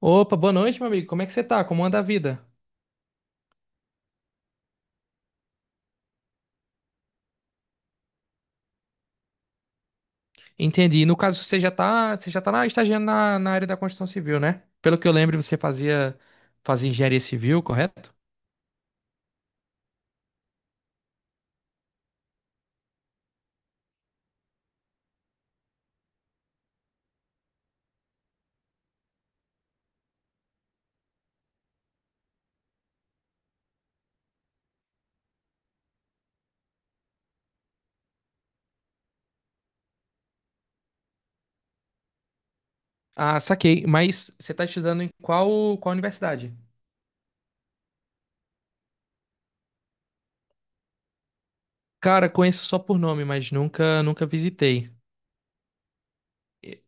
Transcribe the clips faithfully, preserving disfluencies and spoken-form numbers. Opa, boa noite, meu amigo. Como é que você tá? Como anda a vida? Entendi. No caso, você já tá, você já tá na, estagiando na, na área da construção civil, né? Pelo que eu lembro, você fazia, fazia engenharia civil, correto? Ah, saquei. Mas você tá estudando em qual, qual universidade? Cara, conheço só por nome, mas nunca, nunca visitei. E-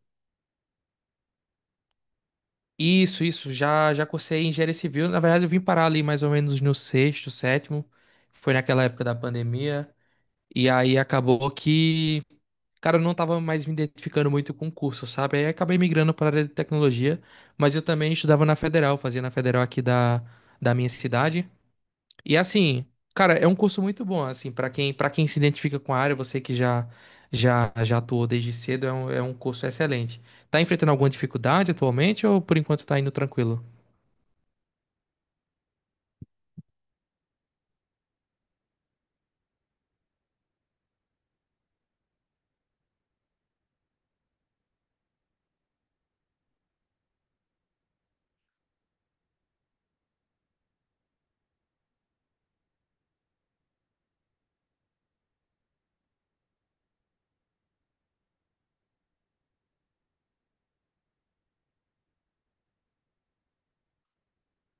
Isso, isso. Já, já cursei engenharia civil. Na verdade, eu vim parar ali mais ou menos no sexto, sétimo. Foi naquela época da pandemia. E aí acabou que cara, eu não tava mais me identificando muito com o curso, sabe? Aí acabei migrando para a área de tecnologia, mas eu também estudava na Federal, fazia na Federal aqui da, da minha cidade. E assim, cara, é um curso muito bom, assim, para quem, para quem se identifica com a área, você que já já já atuou desde cedo, é um, é um curso excelente. Tá enfrentando alguma dificuldade atualmente ou por enquanto tá indo tranquilo?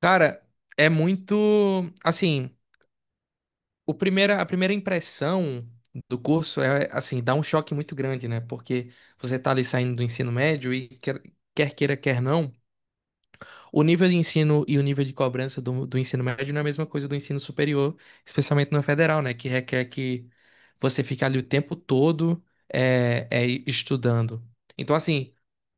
Cara, é muito, assim, O primeira, a primeira impressão do curso é, assim, dá um choque muito grande, né? Porque você tá ali saindo do ensino médio e quer, quer queira, quer não, o nível de ensino e o nível de cobrança do, do ensino médio não é a mesma coisa do ensino superior, especialmente no federal, né? Que requer que você fique ali o tempo todo é, é, estudando. Então, assim,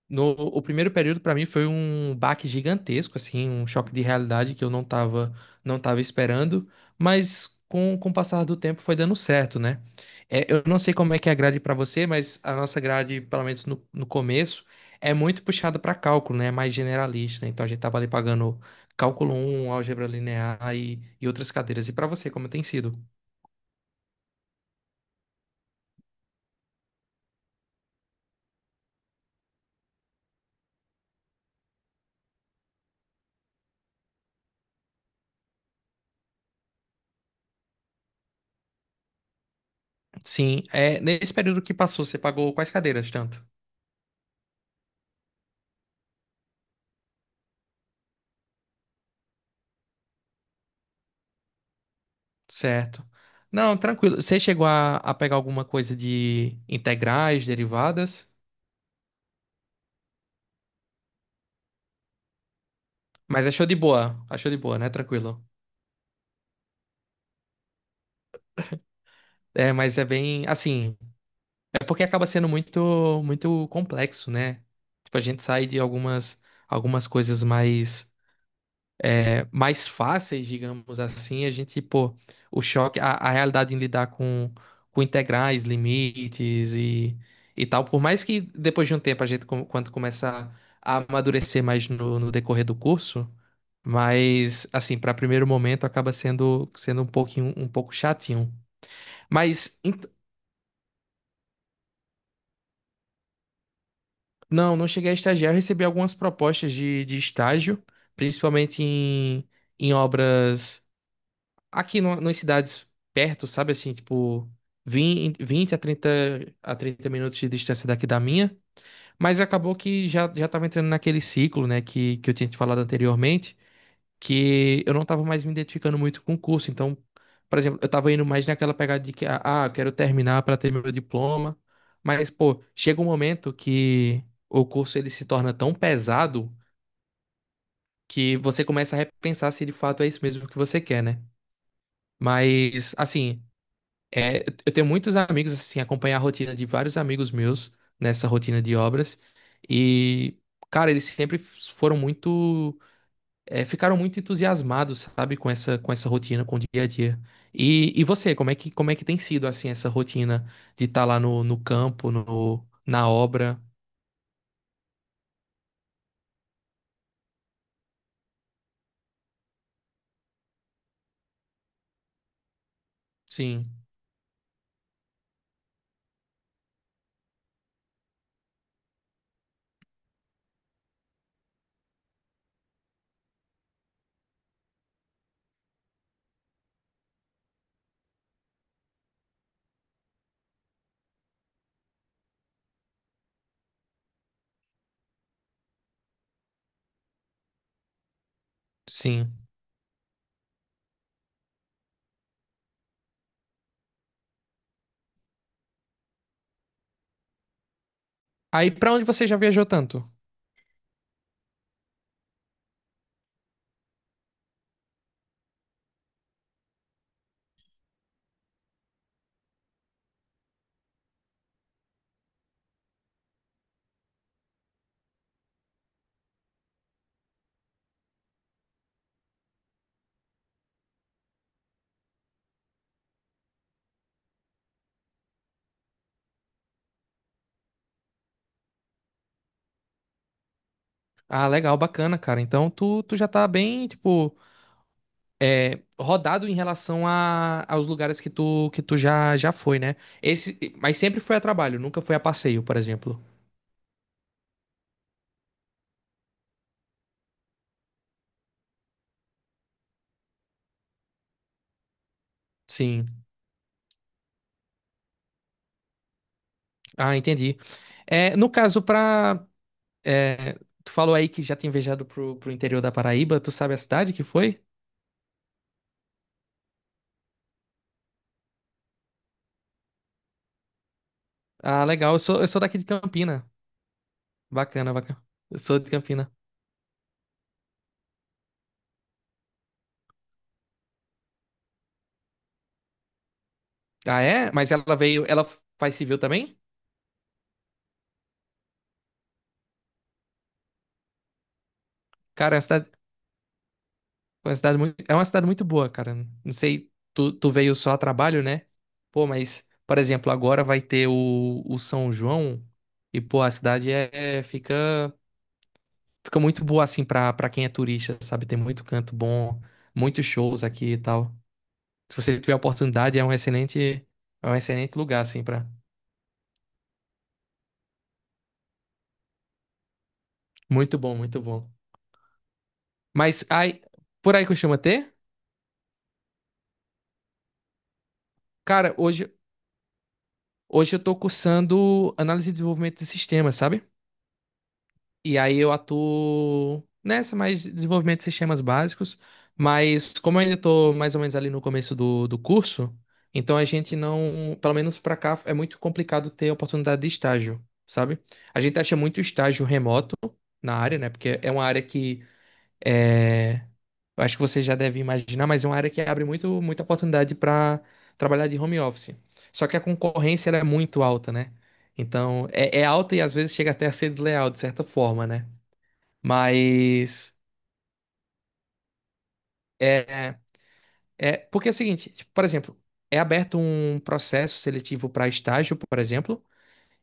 no, o primeiro período para mim foi um baque gigantesco, assim, um choque de realidade que eu não tava, não tava esperando, mas com, com o passar do tempo foi dando certo, né? É, eu não sei como é que é a grade para você, mas a nossa grade, pelo menos no, no começo, é muito puxada para cálculo, né? É mais generalista, né? Então a gente tava ali pagando cálculo um, álgebra linear e, e outras cadeiras. E para você, como tem sido? Sim, é, nesse período que passou, você pagou quais cadeiras tanto? Certo. Não, tranquilo. Você chegou a, a pegar alguma coisa de integrais, derivadas, mas achou de boa. Achou de boa, né? Tranquilo. É, mas é bem assim. É porque acaba sendo muito muito complexo, né? Tipo, a gente sai de algumas algumas coisas mais é, mais fáceis, digamos assim, a gente, pô, o choque, a, a realidade em lidar com, com integrais, limites e, e tal, por mais que depois de um tempo a gente, com- quando começa a amadurecer mais no, no decorrer do curso, mas, assim, para primeiro momento acaba sendo, sendo um pouquinho, um pouco chatinho. Mas, ent- não, não cheguei a estagiar, eu recebi algumas propostas de, de estágio, principalmente em, em obras aqui no, nas cidades perto, sabe assim, tipo vinte 20 a trinta a trinta minutos de distância daqui da minha, mas acabou que já, já tava entrando naquele ciclo, né, que, que eu tinha te falado anteriormente, que eu não tava mais me identificando muito com o curso, então, por exemplo, eu tava indo mais naquela pegada de que, ah, ah, eu quero terminar para ter meu diploma, mas, pô, chega um momento que o curso ele se torna tão pesado que você começa a repensar se de fato é isso mesmo que você quer, né? Mas, assim, é, eu tenho muitos amigos, assim, acompanhar a rotina de vários amigos meus nessa rotina de obras. E, cara, eles sempre f- foram muito, é, ficaram muito entusiasmados, sabe, com essa, com essa rotina, com o dia a dia. E, e você, como é que, como é que tem sido, assim, essa rotina de estar lá no, no campo, no, na obra? Sim, sim. Aí, pra onde você já viajou tanto? Ah, legal, bacana, cara. Então, tu, tu já tá bem, tipo rodado em relação a, aos lugares que tu, que tu já, já foi, né? Esse, mas sempre foi a trabalho, nunca foi a passeio, por exemplo. Sim. Ah, entendi. É, no caso, pra. É, tu falou aí que já tinha viajado pro, pro interior da Paraíba, tu sabe a cidade que foi? Ah, legal. Eu sou, eu sou daqui de Campina. Bacana, bacana. Eu sou de Campina. Ah, é? Mas ela veio. Ela faz civil também? Cara, é cidade. Foi uma cidade muito, é uma cidade muito boa, cara. Não sei, tu, tu veio só a trabalho, né? Pô, mas, por exemplo, agora vai ter o, o São João e, pô, a cidade é, é- fica, fica muito boa, assim, pra, pra quem é turista, sabe? Tem muito canto bom, muitos shows aqui e tal. Se você tiver a oportunidade, é um excelente, é um excelente lugar, assim, pra... Muito bom, muito bom. Mas aí, por aí costuma ter? Cara, hoje, hoje eu tô cursando análise e desenvolvimento de sistemas, sabe? E aí eu atuo nessa mais desenvolvimento de sistemas básicos, mas como eu ainda estou mais ou menos ali no começo do, do curso, então a gente não, pelo menos para cá, é muito complicado ter oportunidade de estágio, sabe? A gente acha muito estágio remoto na área, né? Porque é uma área que é, eu acho que você já deve imaginar, mas é uma área que abre muito, muita oportunidade para trabalhar de home office. Só que a concorrência ela é muito alta, né? Então, é, é alta e às vezes chega até a ser desleal, de certa forma, né? Mas é, é porque é o seguinte, tipo, por exemplo, é aberto um processo seletivo para estágio, por exemplo,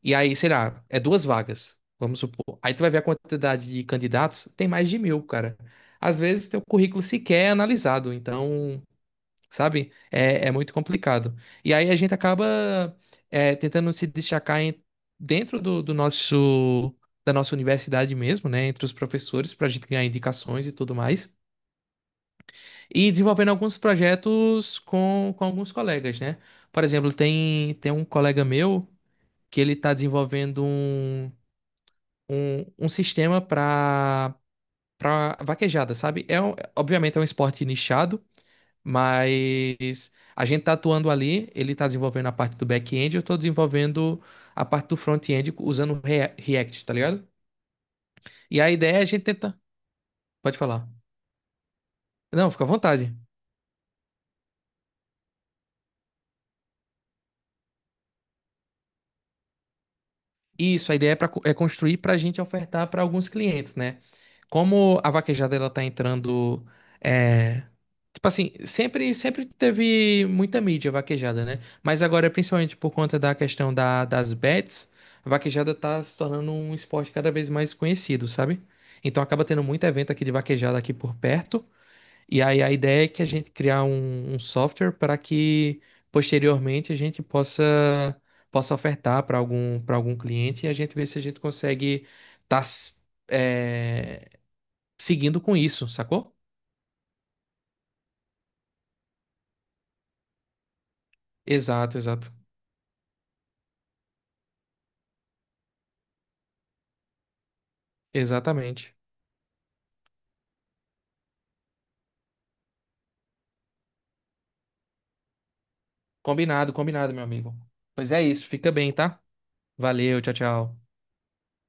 e aí, sei lá, é duas vagas, vamos supor. Aí tu vai ver a quantidade de candidatos, tem mais de mil, cara. Às vezes teu currículo sequer é analisado, então, sabe, é, é muito complicado. E aí a gente acaba é, tentando se destacar em- dentro do, do nosso, da nossa universidade mesmo, né, entre os professores, para a gente ganhar indicações e tudo mais. E desenvolvendo alguns projetos com, com alguns colegas, né? Por exemplo, tem, tem um colega meu que ele está desenvolvendo um, um, um sistema para para vaquejada, sabe? É, um- obviamente é um esporte nichado, mas a gente está atuando ali, ele está desenvolvendo a parte do back-end, eu estou desenvolvendo a parte do front-end usando Rea- React, tá ligado? E a ideia é a gente tentar... Pode falar. Não, fica à vontade. Isso, a ideia é, pra, co- é construir para a gente ofertar para alguns clientes, né? Como a vaquejada ela tá entrando, é, tipo assim, sempre sempre teve muita mídia vaquejada, né? Mas agora, principalmente por conta da questão da, das bets, a vaquejada tá se tornando um esporte cada vez mais conhecido, sabe? Então acaba tendo muito evento aqui de vaquejada aqui por perto e aí a ideia é que a gente criar um, um software para que posteriormente a gente possa possa ofertar para algum para algum cliente e a gente ver se a gente consegue estar seguindo com isso, sacou? Exato, exato, exatamente. Combinado, combinado, meu amigo. Pois é isso, fica bem, tá? Valeu, tchau, tchau.